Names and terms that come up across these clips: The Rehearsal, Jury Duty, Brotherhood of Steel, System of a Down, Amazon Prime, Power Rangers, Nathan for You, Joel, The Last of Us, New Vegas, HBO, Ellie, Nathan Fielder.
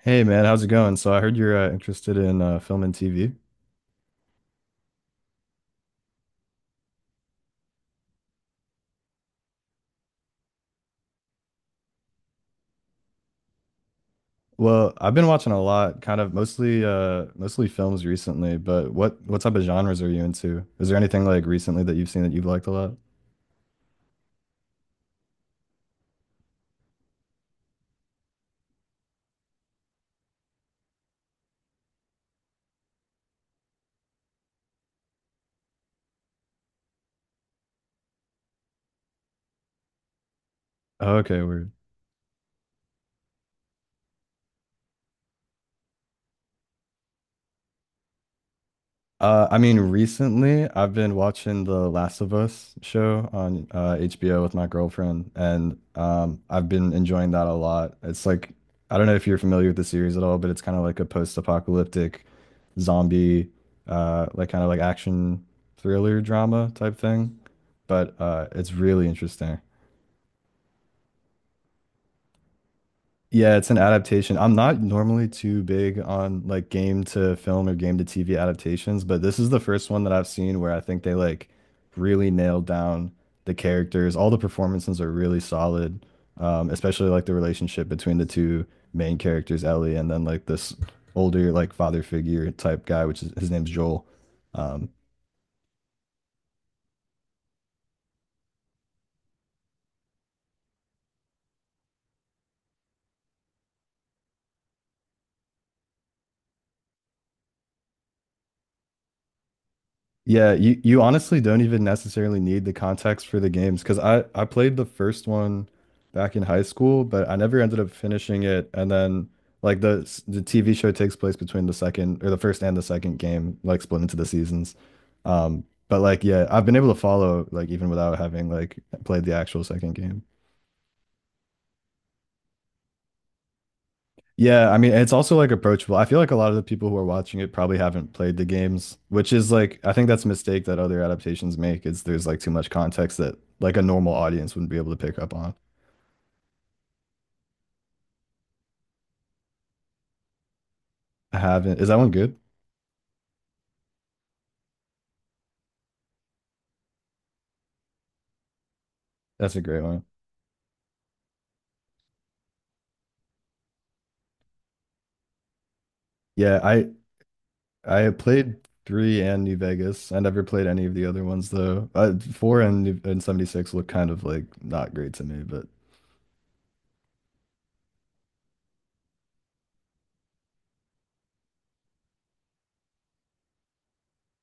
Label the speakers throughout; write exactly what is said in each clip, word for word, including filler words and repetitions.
Speaker 1: Hey man, how's it going? So I heard you're uh, interested in uh, film and T V. Well, I've been watching a lot, kind of mostly uh, mostly films recently. But what what type of genres are you into? Is there anything like recently that you've seen that you've liked a lot? Oh, okay, weird. Uh, I mean, recently I've been watching The Last of Us show on uh, H B O with my girlfriend, and um, I've been enjoying that a lot. It's like, I don't know if you're familiar with the series at all, but it's kind of like a post-apocalyptic zombie, uh, like kind of like action thriller drama type thing. But uh, it's really interesting. Yeah, it's an adaptation. I'm not normally too big on like game to film or game to T V adaptations, but this is the first one that I've seen where I think they like really nailed down the characters. All the performances are really solid, um, especially like the relationship between the two main characters, Ellie, and then like this older like father figure type guy, which is his name's Joel. Um, Yeah, you you honestly don't even necessarily need the context for the games because I I played the first one back in high school, but I never ended up finishing it. And then like the s- the T V show takes place between the second or the first and the second game, like split into the seasons. Um, but like yeah, I've been able to follow like even without having like played the actual second game. Yeah, I mean, it's also like approachable. I feel like a lot of the people who are watching it probably haven't played the games, which is like I think that's a mistake that other adaptations make is there's like too much context that like a normal audience wouldn't be able to pick up on. I haven't. Is that one good? That's a great one. Yeah, I I played three and New Vegas. I never played any of the other ones though. Uh, four and New- and seventy-six look kind of like not great to me, but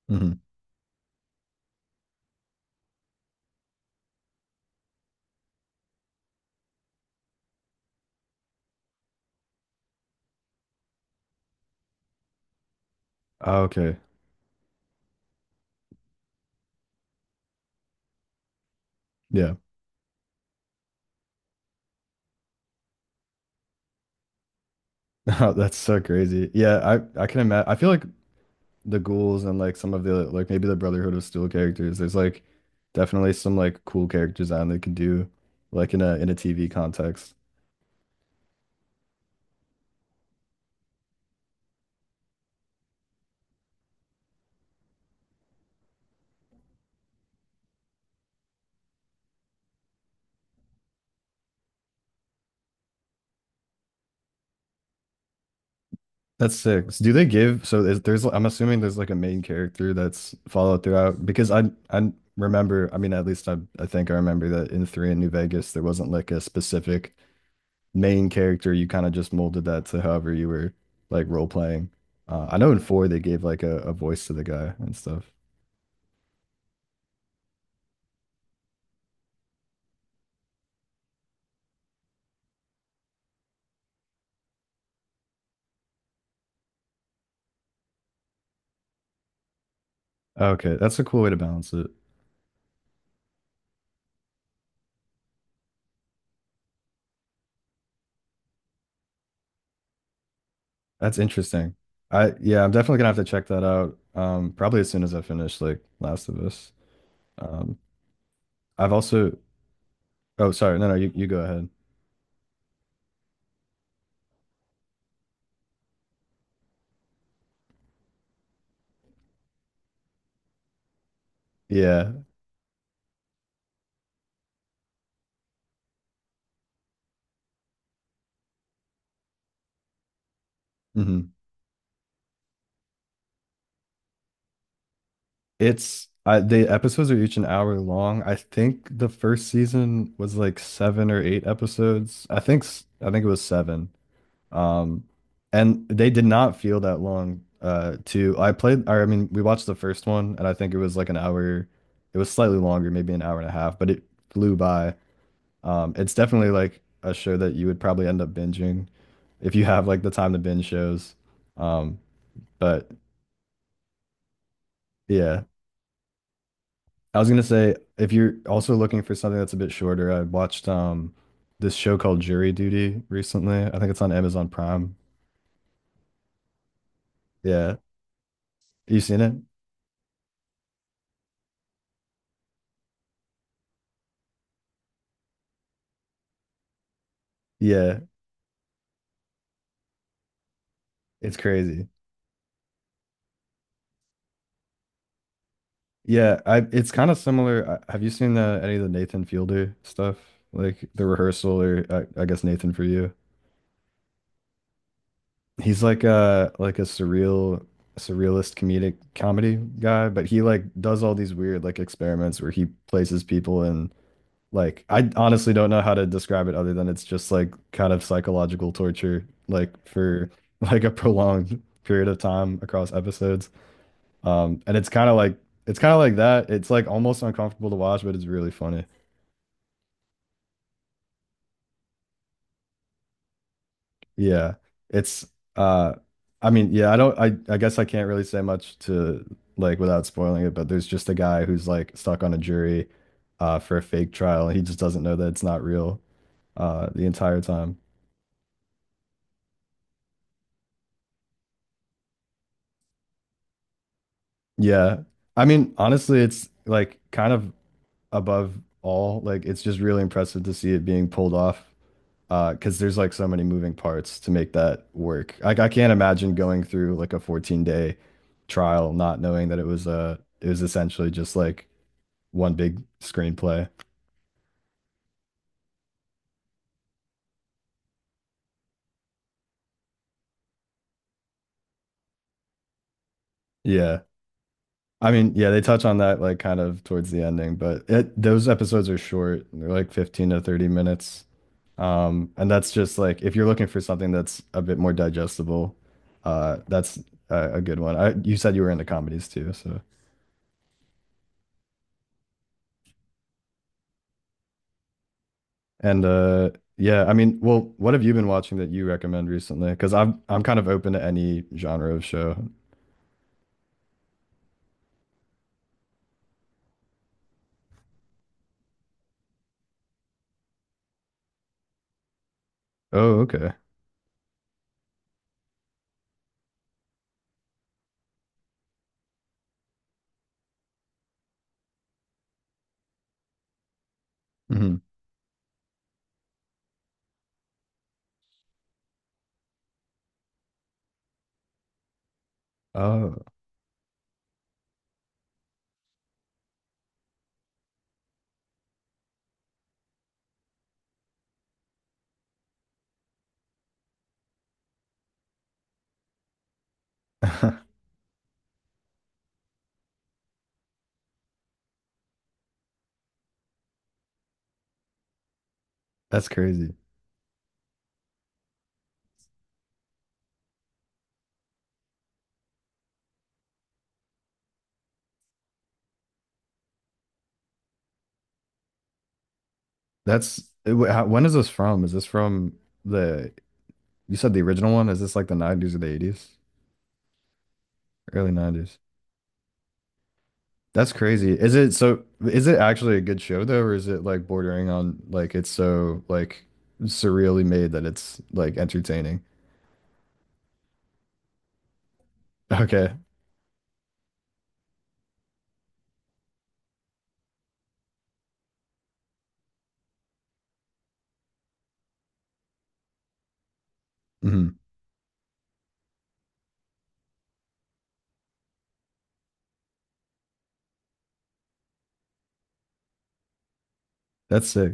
Speaker 1: mhm. Oh, okay. Yeah. That's so crazy. Yeah, I I can imagine. I feel like the ghouls and like some of the like maybe the Brotherhood of Steel characters. There's like definitely some like cool character design they could do like in a in a T V context. That's six. Do they give so is there's I'm assuming there's like a main character that's followed throughout because I I remember I mean at least I I think I remember that in three in New Vegas there wasn't like a specific main character. You kind of just molded that to however you were like role playing. Uh, I know in four they gave like a, a voice to the guy and stuff. Okay, that's a cool way to balance it. That's interesting. I yeah, I'm definitely gonna have to check that out. Um, probably as soon as I finish like Last of Us. Um, I've also oh sorry, no no you you go ahead. Yeah, hmm. It's I the episodes are each an hour long. I think the first season was like seven or eight episodes. I think s- I think it was seven. Um, and they did not feel that long. Uh, to I played or I mean we watched the first one and I think it was like an hour. It was slightly longer, maybe an hour and a half, but it flew by. Um, it's definitely like a show that you would probably end up binging if you have like the time to binge shows. Um, but yeah, I was gonna say if you're also looking for something that's a bit shorter, I watched um this show called Jury Duty recently. I think it's on Amazon Prime. Yeah, you seen it? Yeah, it's crazy. Yeah, I it's kind of similar. I, have you seen uh, any of the Nathan Fielder stuff, like the rehearsal or I, I guess Nathan for you? He's like a like a surreal surrealist comedic comedy guy, but he like does all these weird like experiments where he places people in like I honestly don't know how to describe it other than it's just like kind of psychological torture like for like a prolonged period of time across episodes. Um and it's kind of like it's kind of like that. It's like almost uncomfortable to watch, but it's really funny. Yeah. It's uh I mean, yeah, I don't I I guess I can't really say much to like without spoiling it, but there's just a guy who's like stuck on a jury uh for a fake trial and he just doesn't know that it's not real uh the entire time. Yeah. I mean, honestly, it's like kind of above all. Like it's just really impressive to see it being pulled off. Uh, because there's like so many moving parts to make that work. Like I can't imagine going through like a fourteen day trial not knowing that it was uh it was essentially just like one big screenplay. Yeah. I mean, yeah, they touch on that like kind of towards the ending, but it those episodes are short. They're like fifteen to thirty minutes. Um, and that's just like if you're looking for something that's a bit more digestible, uh, that's a, a good one. I, you said you were into comedies too, so And uh yeah, I mean, well, what have you been watching that you recommend recently? Because I'm I'm kind of open to any genre of show. Oh, okay. Hmm. Oh, that's crazy. That's it, wh- how, when is this from? Is this from the you said the original one? Is this like the nineties or the eighties? Early nineties. That's crazy. Is it so is it actually a good show though, or is it like bordering on like it's so like surreally made that it's like entertaining? Okay. Hmm. That's sick.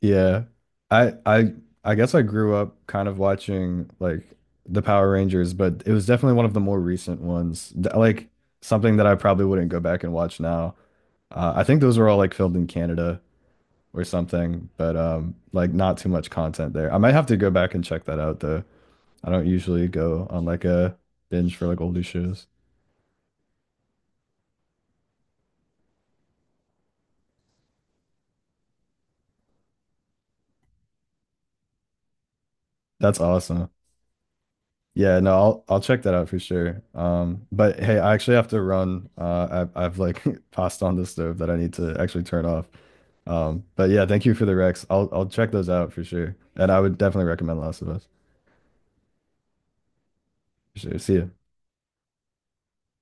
Speaker 1: Yeah. I I I guess I grew up kind of watching like the Power Rangers, but it was definitely one of the more recent ones. Th- Like something that I probably wouldn't go back and watch now. Uh, I think those were all like filmed in Canada or something, but um like not too much content there. I might have to go back and check that out though. I don't usually go on like a binge for like older shows. That's awesome. Yeah, no, I'll I'll check that out for sure. Um, but hey, I actually have to run. Uh, I've I've like passed on the stove that I need to actually turn off. Um, but yeah, thank you for the Rex. I'll I'll check those out for sure, and I would definitely recommend Last of Us for sure. See ya.